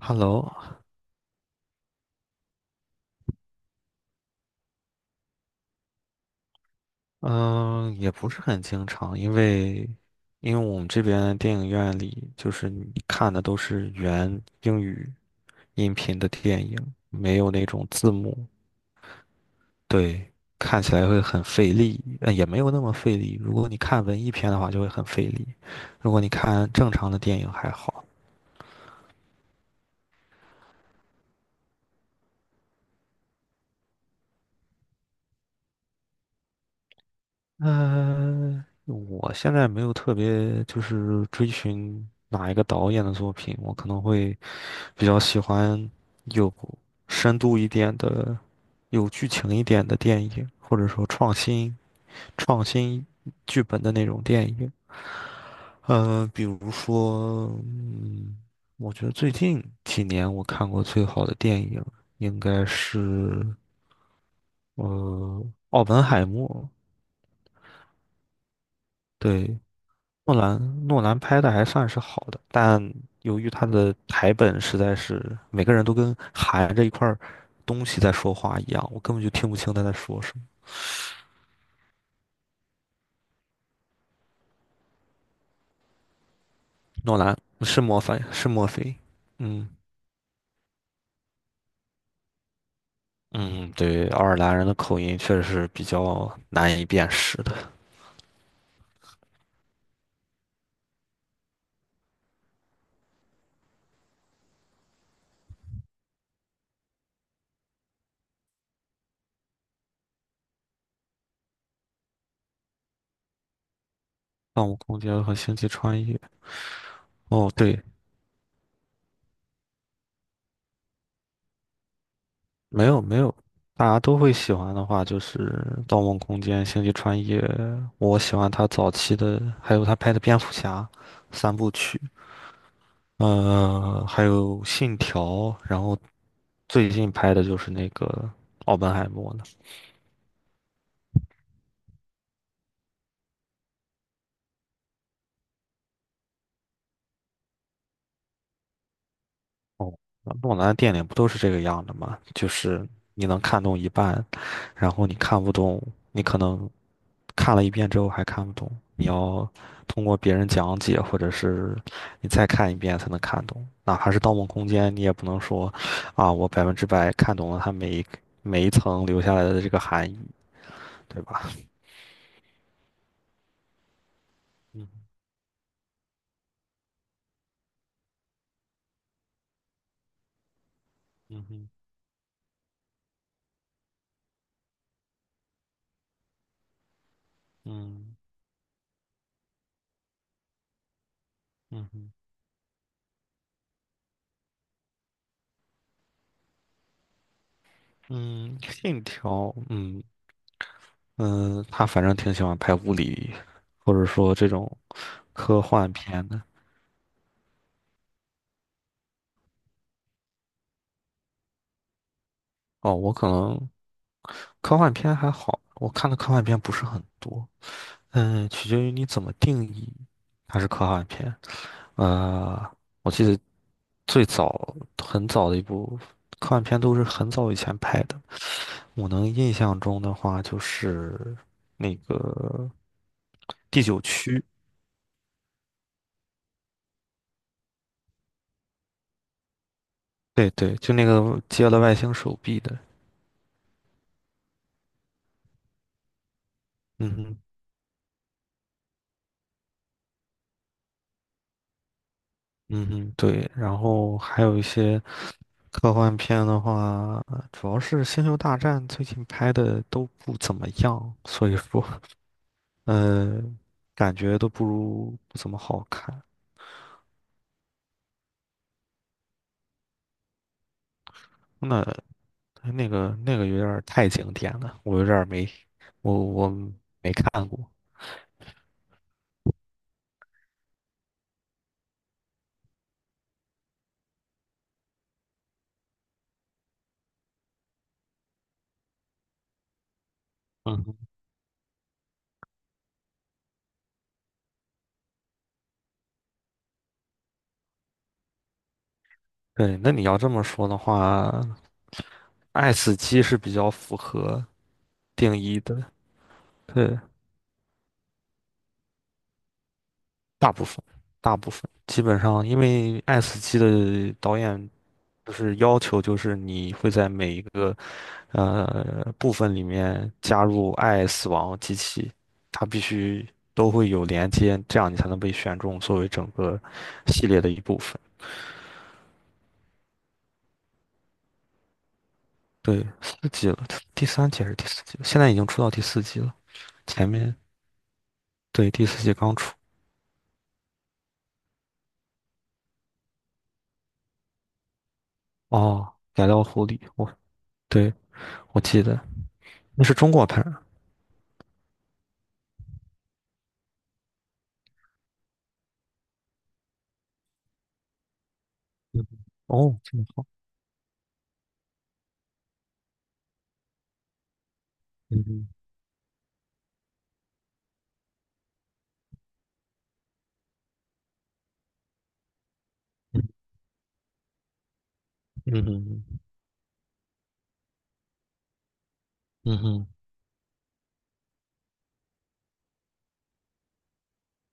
Hello，嗯，也不是很经常，因为我们这边电影院里，就是你看的都是原英语音频的电影，没有那种字幕，对，看起来会很费力，也没有那么费力。如果你看文艺片的话，就会很费力；如果你看正常的电影还好。嗯，我现在没有特别就是追寻哪一个导演的作品，我可能会比较喜欢有深度一点的、有剧情一点的电影，或者说创新剧本的那种电影。比如说，我觉得最近几年我看过最好的电影应该是呃《奥本海默》，对，诺兰拍的还算是好的，但由于他的台本实在是每个人都跟含着一块儿东西在说话一样，我根本就听不清他在说什么。诺兰是墨菲，是墨菲，嗯嗯，对，爱尔兰人的口音确实是比较难以辨识的。《盗梦空间》和《星际穿越》，哦，对，没有没有，大家都会喜欢的话就是《盗梦空间》《星际穿越》，我喜欢他早期的，还有他拍的《蝙蝠侠》三部曲。还有《信条》，然后最近拍的就是那个《奥本海默》呢。哦，那诺兰的电影不都是这个样的吗？就是你能看懂一半，然后你看不懂，你可能看了一遍之后还看不懂，你要通过别人讲解，或者是你再看一遍才能看懂。哪怕是《盗梦空间》，你也不能说啊，我100%看懂了它每一层留下来的这个含义，对吧？嗯，嗯哼，嗯。嗯哼，嗯，信条，嗯嗯，他反正挺喜欢拍物理，或者说这种科幻片的。哦，我可能科幻片还好，我看的科幻片不是很多。取决于你怎么定义它是科幻片。呃，我记得最早很早的一部科幻片都是很早以前拍的。我能印象中的话，就是那个第九区。对对，就那个接了外星手臂的，嗯哼，嗯哼，对。然后还有一些科幻片的话，主要是《星球大战》最近拍的都不怎么样，所以说，呃，感觉都不如不怎么好看。那，哎，那个有点儿太经典了，我有点儿没，我没看过。嗯哼，对，那你要这么说的话，《爱死机》是比较符合定义的。对。大部分，大部分基本上，因为爱死机的导演就是要求，就是你会在每一个部分里面加入爱、死亡、机器，它必须都会有连接，这样你才能被选中作为整个系列的一部分。对，四季了，第三季还是第四季了，现在已经出到第四季了，前面，对，第四季刚出，哦，改造狐狸，我，对，我记得那是中国拍的，嗯，哦，这么好，嗯嗯。嗯哼，嗯哼，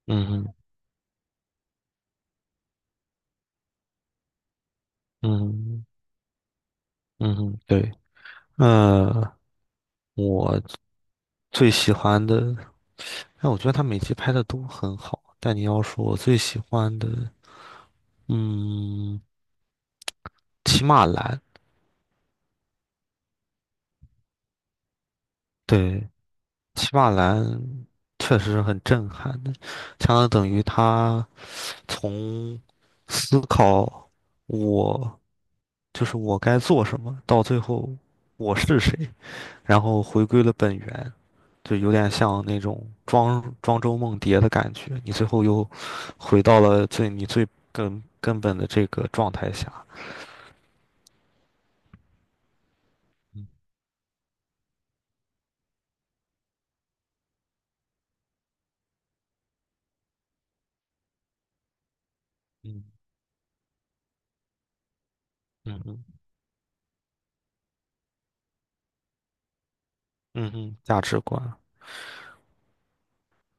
嗯哼，嗯哼，嗯哼，对。呃，我最喜欢的，但我觉得他每集拍的都很好，但你要说我最喜欢的，嗯，骑马兰，对，骑马兰确实是很震撼的，相当等于他从思考我就是我该做什么，到最后我是谁，然后回归了本源。就有点像那种庄周梦蝶的感觉，你最后又回到了最你最根本的这个状态下，嗯嗯，嗯嗯，嗯哼，价值观。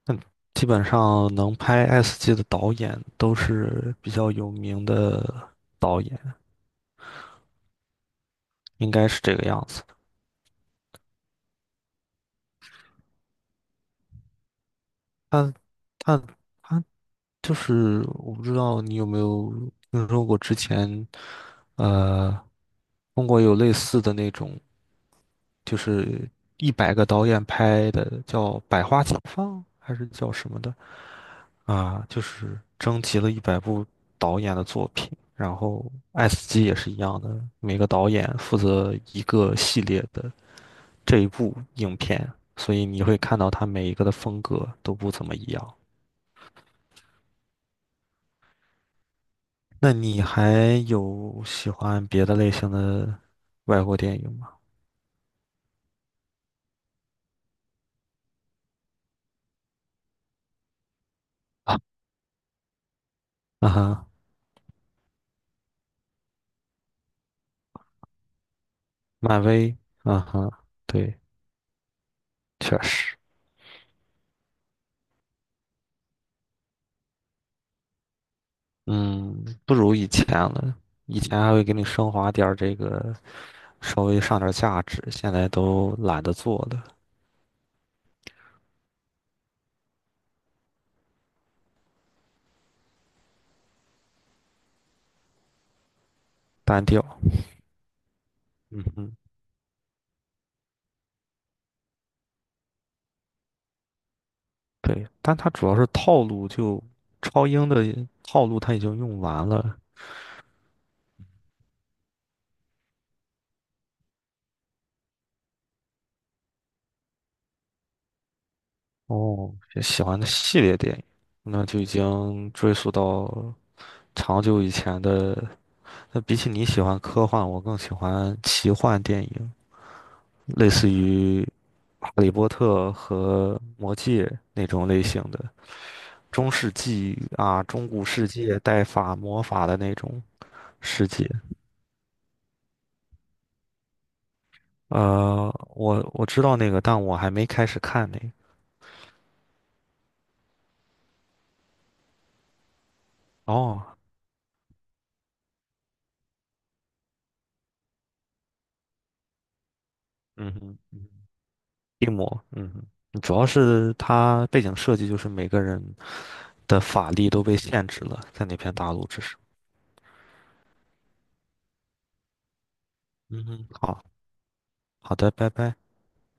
嗯，基本上能拍《S 级的导演都是比较有名的导演，应该是这个样子的。他他他就是我不知道你有没有听说过之前呃中国有类似的那种就是100个导演拍的，叫《百花齐放》还是叫什么的啊？就是征集了100部导演的作品，然后爱斯基》也是一样的，每个导演负责一个系列的这一部影片，所以你会看到他每一个的风格都不怎么一样。那你还有喜欢别的类型的外国电影吗？啊，啊哈，漫威，啊哈，对，确实。嗯，不如以前了。以前还会给你升华点儿这个，稍微上点儿价值，现在都懒得做了，单调。嗯哼，对，但它主要是套路就，超英的套路它已经用完了。哦，也喜欢的系列电影，那就已经追溯到长久以前的。那比起你喜欢科幻，我更喜欢奇幻电影，类似于《哈利波特》和《魔戒》那种类型的。中世纪啊、中古世界带法魔法的那种世界。呃，我知道那个，但我还没开始看那个。哦，嗯哼，病魔，嗯哼，主要是它背景设计就是每个人的法力都被限制了，在那片大陆之上。嗯哼，好，好的，拜拜。